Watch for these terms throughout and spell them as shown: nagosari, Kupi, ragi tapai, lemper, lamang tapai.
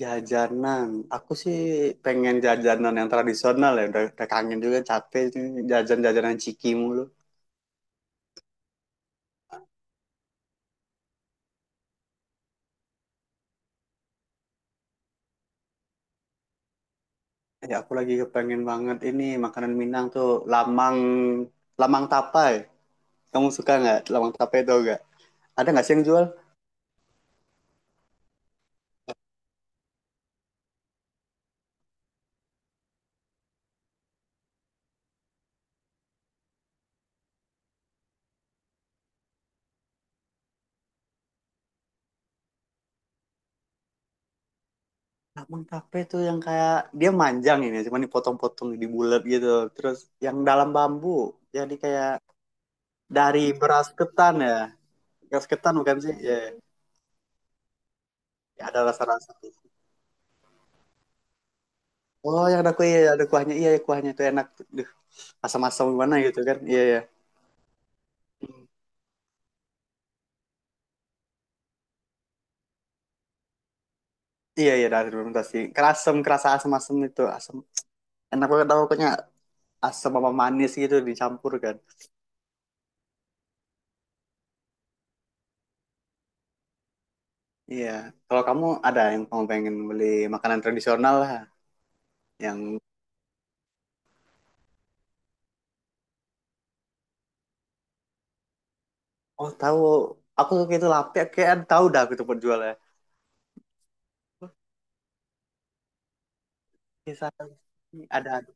Jajanan, aku sih pengen jajanan yang tradisional ya, udah kangen juga capek sih jajan-jajanan ciki mulu. Ya aku lagi kepengen banget ini makanan Minang tuh lamang lamang tapai. Kamu suka nggak lamang tapai itu nggak? Ada nggak sih yang jual? Lamang tapai tuh yang kayak dia manjang ini, cuman dipotong-potong di bulat gitu. Terus yang dalam bambu, jadi kayak dari beras ketan ya. Beras ketan bukan sih? Ya, ya ada rasa-rasa. Oh, yang ada kuahnya, ada kuahnya. Iya, iya, kuahnya itu enak. Duh, asam-asam gimana gitu kan? Iya, iya. Iya, iya dari fermentasi. Kerasem, kerasa asam-asam itu, asam. Enak banget tau pokoknya asam sama manis gitu dicampur kan. Iya. Kalau kamu ada yang kamu pengen beli makanan tradisional lah yang oh tahu aku suka itu lape kayak tahu dah aku tuh penjualnya. Kisah ada ada.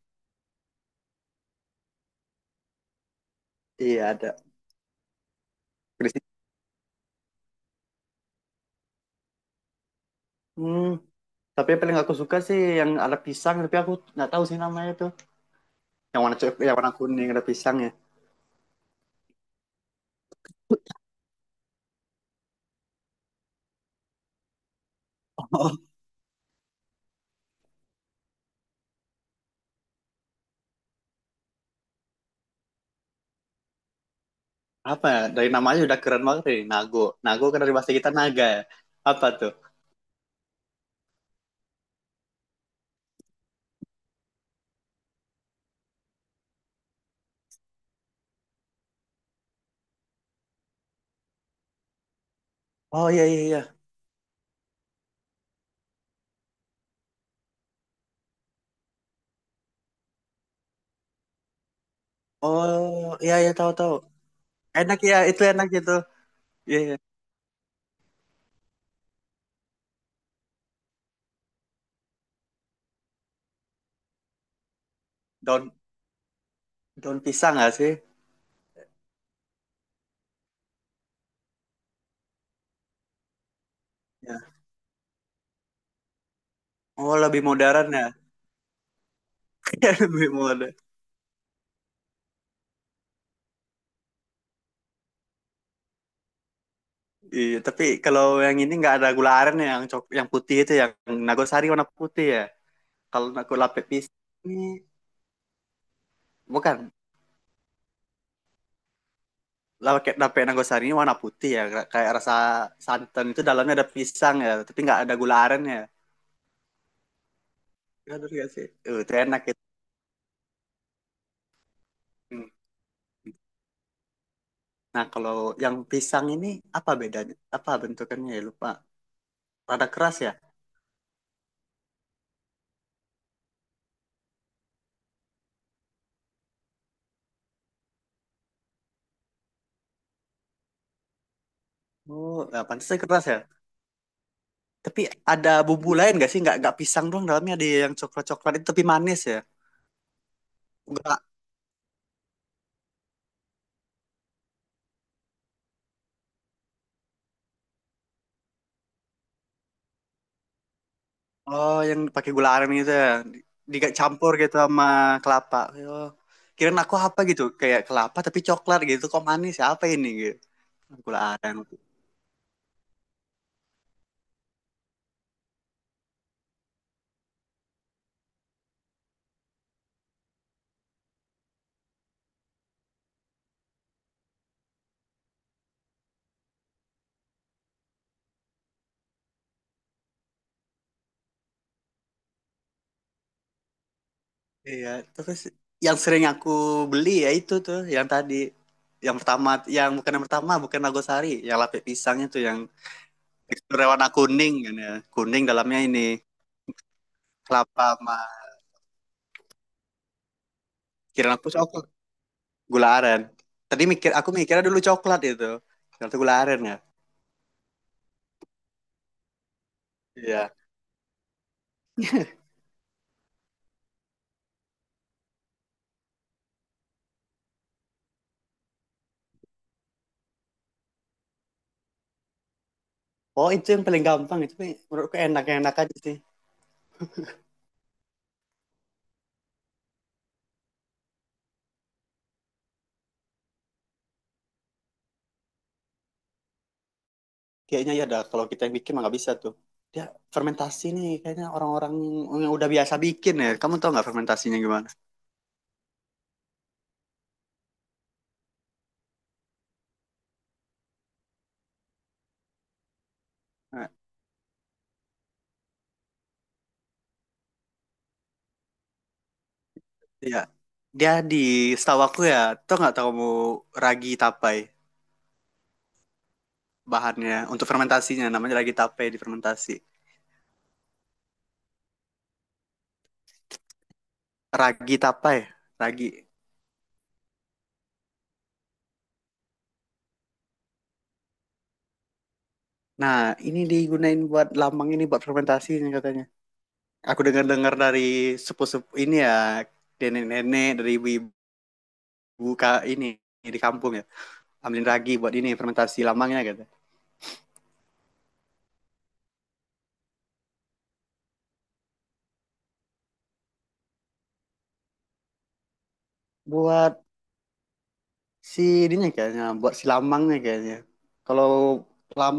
Iya, ada. Berisi- Hmm, tapi yang paling aku suka sih yang ada pisang tapi aku nggak tahu sih namanya tuh. Yang warna kuning ada pisangnya. Apa ya, dari namanya udah keren banget nih, Nago Nago kan dari bahasa kita naga ya, apa tuh? Oh iya iya iya. Oh iya iya, tahu tahu. Enak ya itu enak gitu. Iya iya. Daun daun pisang nggak sih ya. Oh lebih modern ya. Lebih modern. Iya tapi kalau yang ini nggak ada gula aren ya, yang putih itu ya, yang nagosari warna putih ya. Kalau nago lapet pisang ini bukan lapet lapet nagosari ini warna putih ya, kayak rasa santan itu dalamnya ada pisang ya tapi nggak ada gula aren ya. Gaduh ya sih? Itu enak itu. Hmm. Nah, kalau yang pisang ini apa bedanya? Apa bentukannya ya? Lupa. Rada keras ya? Oh, nah, pantasnya keras ya. Tapi ada bumbu lain gak sih? Nggak pisang doang dalamnya ada yang coklat-coklat itu tapi manis ya? Enggak. Oh, yang pakai gula aren gitu ya. Di- Dicampur campur gitu sama kelapa. Oh. Kirain aku apa gitu? Kayak kelapa tapi coklat gitu. Kok manis ya? Apa ini gitu? Gula aren. Iya, terus yang sering aku beli ya itu tuh yang tadi yang pertama, yang bukan yang pertama, bukan nagosari, yang lapis pisangnya tuh yang teksturnya warna kuning kan ya, kuning dalamnya ini kelapa sama kirain aku coklat, gula aren. Tadi mikir aku mikirnya dulu coklat itu, ternyata gula aren ya. Iya. Oh itu yang paling gampang itu, Mi. Menurutku enak enak aja sih. Kayaknya ya dah kalau kita yang bikin mah nggak bisa tuh, dia fermentasi nih kayaknya orang-orang yang udah biasa bikin ya. Kamu tau nggak fermentasinya gimana? Nah, iya. Dia di, setahu aku ya, tau nggak tahu kamu ragi tapai, bahannya untuk fermentasinya namanya ragi tapai, di fermentasi. Ragi tapai, ragi. Nah, ini digunain buat lambang ini, buat fermentasinya katanya. Aku dengar-dengar dari sepupu-sepupu ini ya, nenek-nenek dari ibu-ibu ini di kampung ya, ambilin ragi buat ini fermentasi lambangnya katanya. Buat si ininya kayaknya, buat si lambangnya kayaknya. Kalau lam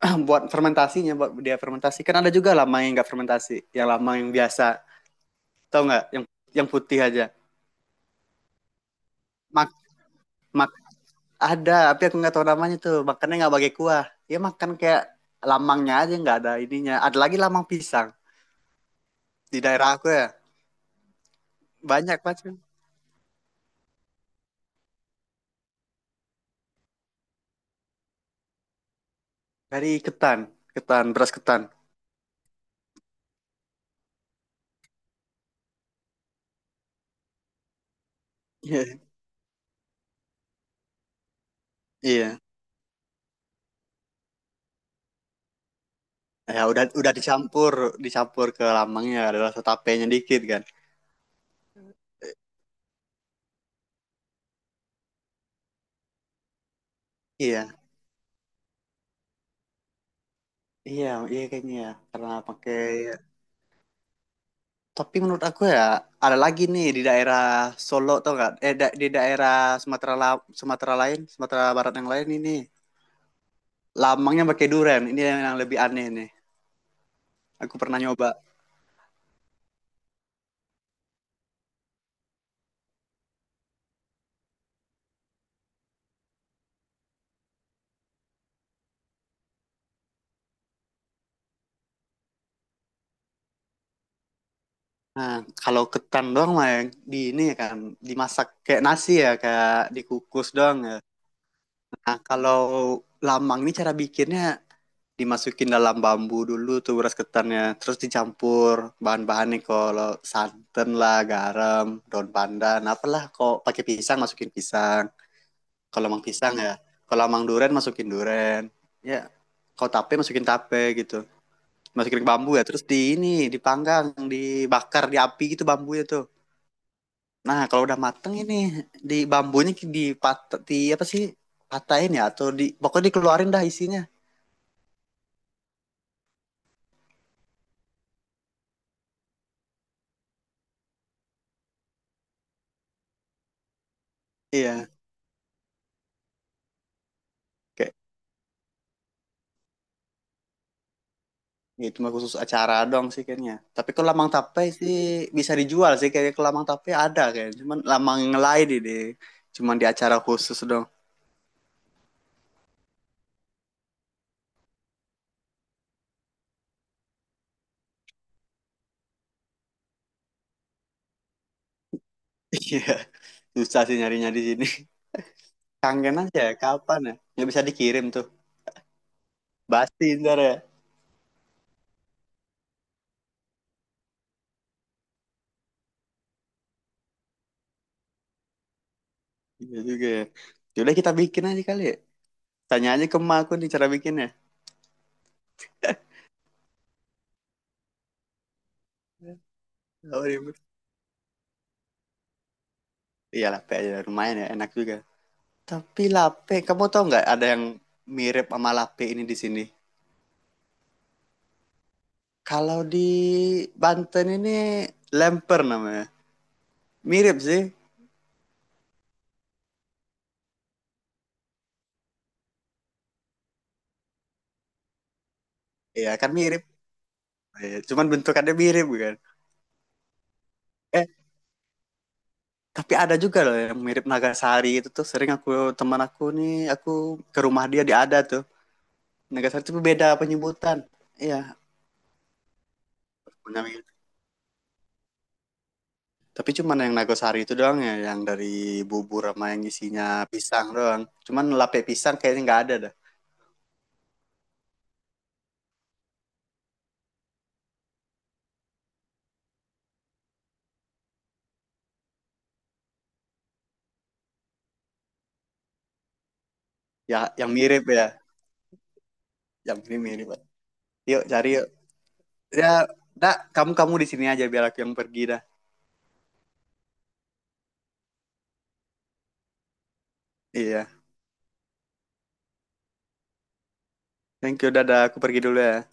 buat fermentasinya, buat dia fermentasi kan, ada juga lamang yang nggak fermentasi, yang lamang yang biasa. Tau nggak yang putih aja? Mak mak Ada tapi aku nggak tahu namanya tuh, makannya nggak pakai kuah ya, makan kayak lamangnya aja, nggak ada ininya. Ada lagi lamang pisang, di daerah aku ya banyak macam. Dari ketan ketan beras ketan. Iya iya. Ya udah dicampur dicampur ke lamangnya, ada rasa tapenya dikit kan. Iya iya iya, kayaknya ya karena pakai. Tapi menurut aku ya, ada lagi nih di daerah Solo tau gak, eh, di daerah Sumatera, Sumatera lain, Sumatera Barat yang lain ini lamangnya pakai durian. Ini yang lebih aneh nih. Aku pernah nyoba. Nah, kalau ketan doang mah yang di ini kan dimasak kayak nasi ya, kayak dikukus doang ya. Nah, kalau lamang ini cara bikinnya dimasukin dalam bambu dulu tuh beras ketannya, terus dicampur bahan-bahannya, kalau santan lah, garam, daun pandan apalah, kok pakai pisang, masukin pisang. Kalau mang pisang ya, kalau mang duren masukin duren ya, kalau tape masukin tape gitu, masukin ke bambu ya. Terus di ini dipanggang, dibakar di api gitu bambunya tuh. Nah kalau udah mateng ini, di bambunya di apa sih, patahin ya, atau di pokoknya dikeluarin dah isinya. Iya kayak. Ya, itu mah khusus acara dong sih kayaknya. Tapi kalau lamang tape sih bisa dijual sih kayaknya, kalau lamang tape ada kayak. Cuman lamang yang lain deh, cuman di acara khusus dong. Iya. Susah sih nyarinya di sini. Kangen aja ya, kapan ya? Nggak bisa dikirim tuh. Basti ntar ya. Iya juga ya. Yaudah kita bikin aja kali ya. Tanya aja ke emak aku nih cara bikinnya. Tahu ribet. Iya lape aja lumayan ya, enak juga. Tapi lape, kamu tahu nggak ada yang mirip sama lape ini di sini? Kalau di Banten ini lemper namanya. Mirip sih. Iya kan mirip. Iya, cuman bentukannya mirip kan. Eh, tapi ada juga loh yang mirip Nagasari itu, tuh sering aku, teman aku nih, aku ke rumah dia di ada tuh. Nagasari itu beda penyebutan. Iya, punya mirip. Tapi cuman yang Nagasari itu doang ya, yang dari bubur sama yang isinya pisang doang. Cuman lape pisang kayaknya nggak ada dah. Ya, yang mirip mirip. Yuk cari yuk. Ya, dah kamu kamu di sini aja biar aku yang pergi dah. Iya. Thank you, dadah. Aku pergi dulu ya.